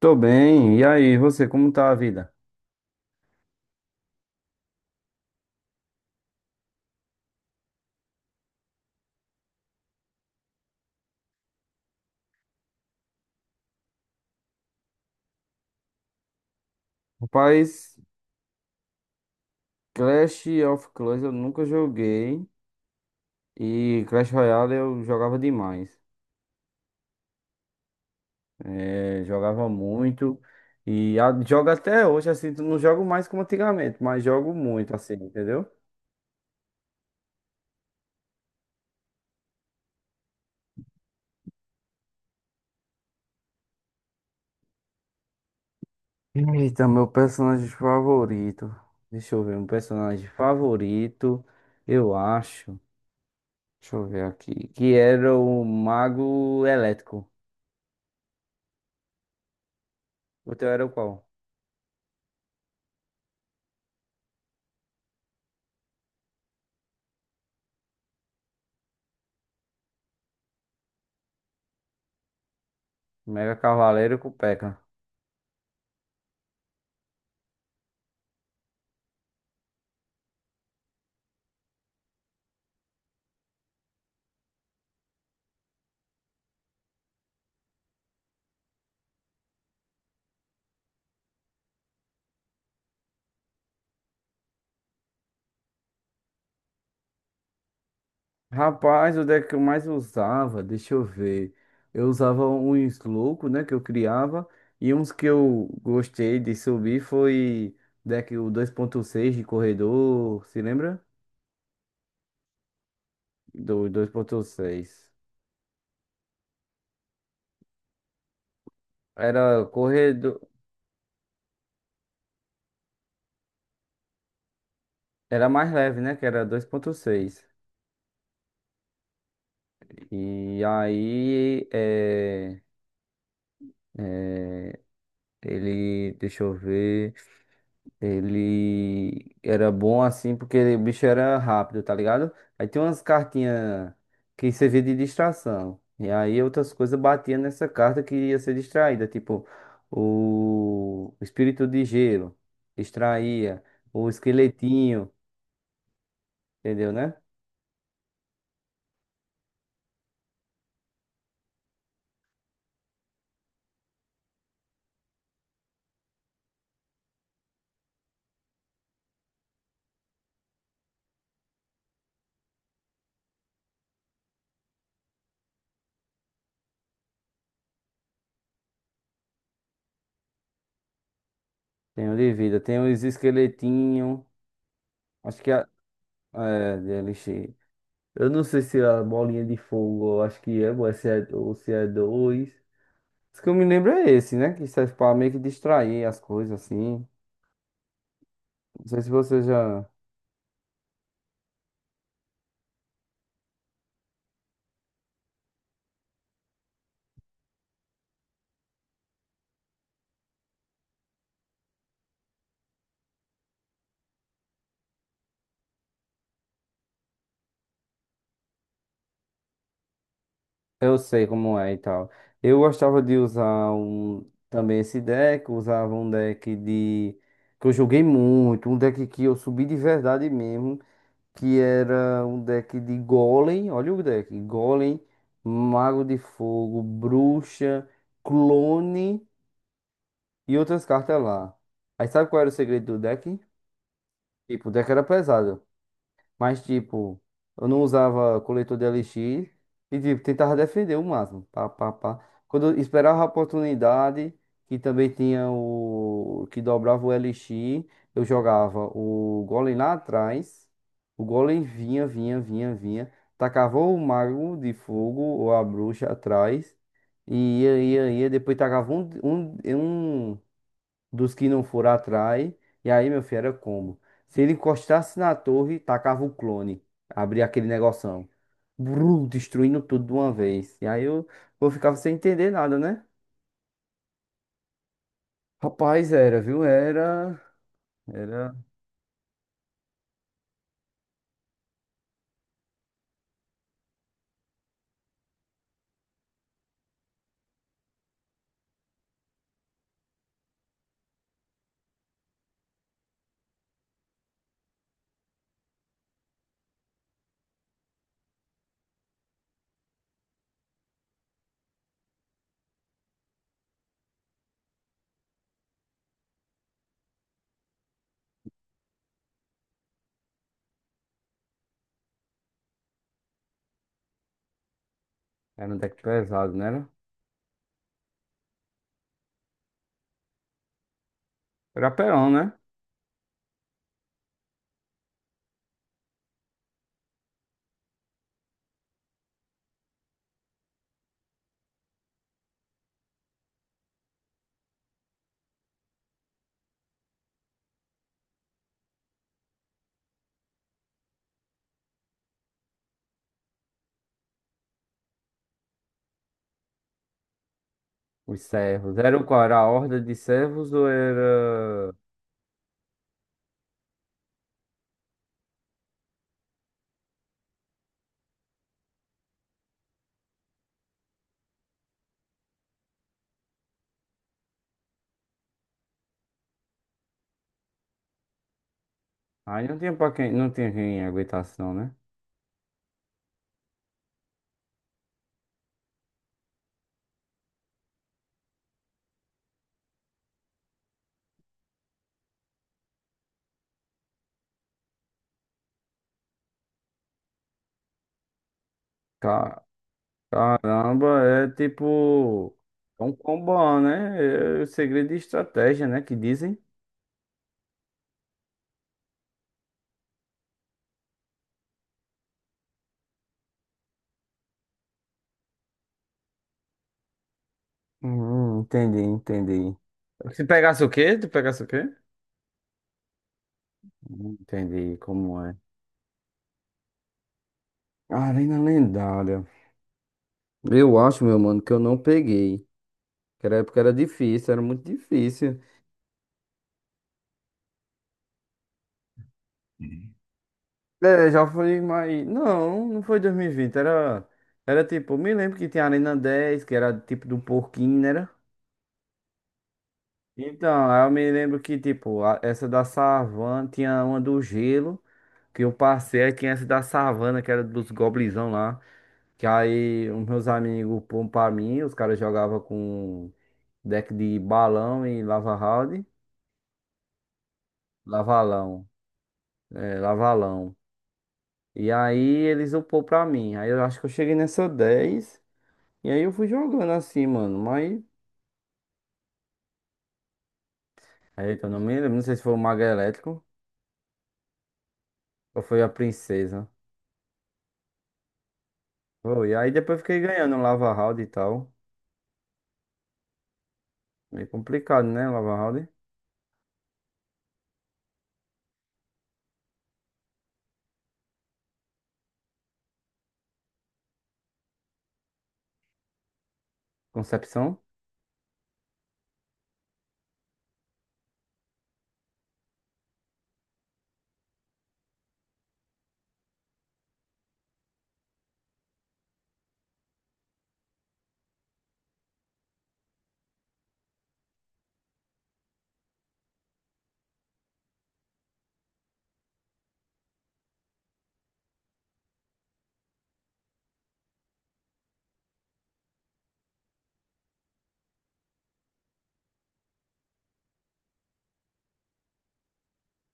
Tô bem, e aí, você, como tá a vida? Rapaz, Clash of Clans eu nunca joguei e Clash Royale eu jogava demais. É, jogava muito e jogo até hoje, assim, não jogo mais como antigamente, mas jogo muito, assim, entendeu? Eita, meu personagem favorito. Deixa eu ver, um personagem favorito, eu acho. Deixa eu ver aqui. Que era o Mago Elétrico. O teu era o qual? Mega Cavaleiro com P.E.K.K.A. Rapaz, onde é que eu mais usava? Deixa eu ver. Eu usava uns loucos, né, que eu criava. E uns que eu gostei de subir foi deck o 2,6 de corredor, se lembra? Do 2,6. Era corredor, era mais leve, né, que era 2,6. E aí, é, ele, deixa eu ver. Ele era bom assim porque o bicho era rápido, tá ligado? Aí tem umas cartinhas que servia de distração. E aí outras coisas batiam nessa carta que ia ser distraída, tipo o espírito de gelo, distraía, o esqueletinho, entendeu, né? Tem o de vida, tem os esqueletinhos, acho que DLX. Eu não sei se é a bolinha de fogo, eu acho que é, ou se é, ou se é dois. Isso que eu me lembro é esse, né? Que serve pra meio que distrair as coisas, assim. Não sei se você já. Eu sei como é e tal. Eu gostava de usar um, também esse deck. Usava um deck de. Que eu joguei muito. Um deck que eu subi de verdade mesmo. Que era um deck de Golem. Olha o deck. Golem, Mago de Fogo, Bruxa, Clone e outras cartas lá. Aí sabe qual era o segredo do deck? Tipo, o deck era pesado. Mas, tipo, eu não usava coletor de elixir e, tipo, tentava defender o máximo. Pá, pá, pá. Quando eu esperava a oportunidade, que também tinha o que dobrava o elixir, eu jogava o golem lá atrás, o golem vinha, vinha, vinha, vinha, tacava o mago de fogo ou a bruxa atrás, e ia, ia, ia, depois tacava um dos que não foram atrás. E aí, meu filho, era combo. Se ele encostasse na torre, tacava o clone. Abria aquele negoção. Destruindo tudo de uma vez. E aí eu ficava sem entender nada, né? Rapaz, era, viu? Era. Era. Era um deck pesado, né? Era Perão, né? Os servos. Era o qual? Era a horda de servos ou era. Aí não tinha pra quem. Não tinha quem aguentasse, não, né? Ca- Caramba, é tipo. É um combo, né? É o segredo de estratégia, né? Que dizem. Entendi, entendi. Se pegasse o quê? Tu pegasse o quê? Entendi como é. Arena lendária. Eu acho, meu mano, que eu não peguei. Aquela época era difícil, era muito difícil. É, já foi mais. Não, não foi 2020. Era. Era tipo. Me lembro que tinha a Arena 10, que era tipo do porquinho, né? Então, aí eu me lembro que, tipo, essa da savana tinha uma do gelo, que eu passei, aí tinha essa da savana, que era dos goblinzão lá. Que aí os meus amigos pôr pra mim, os caras jogavam com deck de balão e lava round, lavalão, é, lavalão. E aí eles upou pra mim. Aí eu acho que eu cheguei nessa 10 e aí eu fui jogando assim, mano. Mas, aí eu não me lembro, não sei se foi o Mago Elétrico ou foi a Princesa. Foi. E aí depois eu fiquei ganhando lava round e tal. Meio complicado, né? Lava House. Concepção.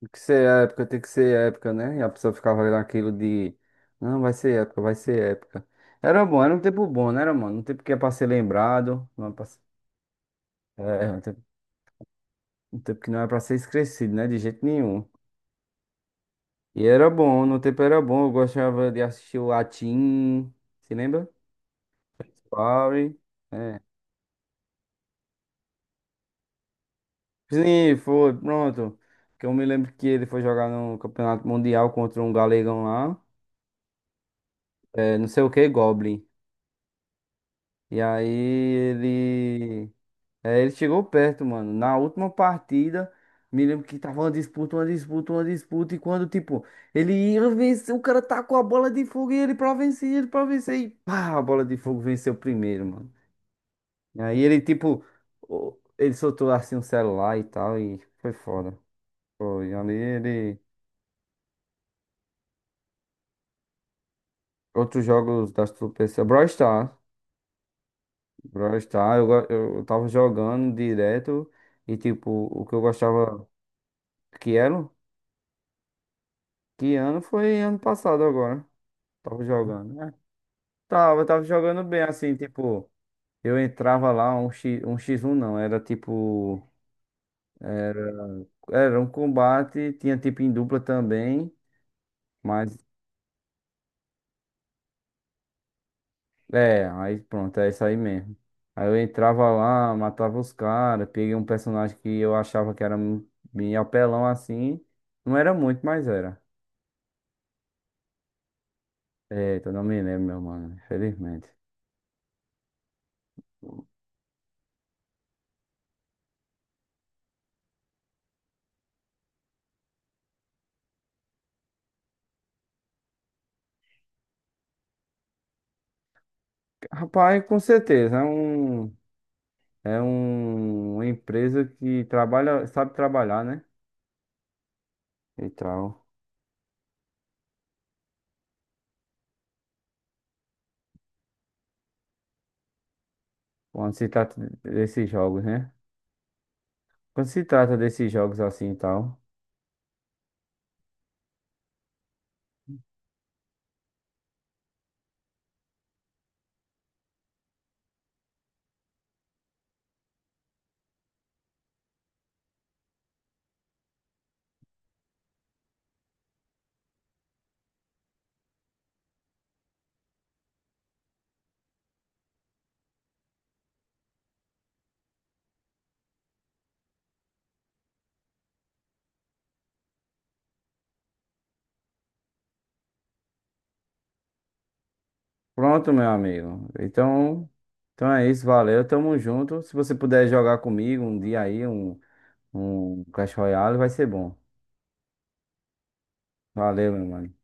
Tem que ser época, tem que ser época, né? E a pessoa ficava olhando aquilo de. Não, vai ser época, vai ser época. Era bom, era um tempo bom, né, era, mano? Um tempo que é pra ser lembrado. Não é pra. É, um tempo que não é pra ser esquecido, né? De jeito nenhum. E era bom, no tempo era bom. Eu gostava de assistir o Latim. Se lembra? Power. É. Sim, foi, pronto. Que eu me lembro que ele foi jogar no Campeonato Mundial contra um galegão lá. É, não sei o que, Goblin. E aí ele. É, ele chegou perto, mano. Na última partida, me lembro que tava uma disputa, uma disputa, uma disputa. E quando, tipo, ele ia vencer, o cara tacou a bola de fogo e ele pra vencer, ele pra vencer. E pá, a bola de fogo venceu primeiro, mano. E aí ele, tipo, ele soltou assim um celular e tal. E foi foda. Foi. Ali ele. Outros jogos da PC. Brawl Stars. Brawl Stars, eu tava jogando direto. E, tipo, o que eu gostava. Que era? Que ano foi ano passado agora. Tava jogando, né? Tava jogando bem, assim, tipo, eu entrava lá, um X, um X1 não, era tipo, era um combate, tinha tipo em dupla também, mas, é, aí pronto, é isso aí mesmo. Aí eu entrava lá, matava os caras, peguei um personagem que eu achava que era meio apelão assim, não era muito, mas era. Eita, eu não me lembro, meu mano, infelizmente. Rapaz, com certeza, é um. É um, uma empresa que trabalha, sabe trabalhar, né? E tal. Quando se trata desses jogos, né? Quando se trata desses jogos assim e tal. Pronto, meu amigo. Então, é isso, valeu. Tamo junto. Se você puder jogar comigo um dia aí, um Clash Royale, vai ser bom. Valeu, meu mano.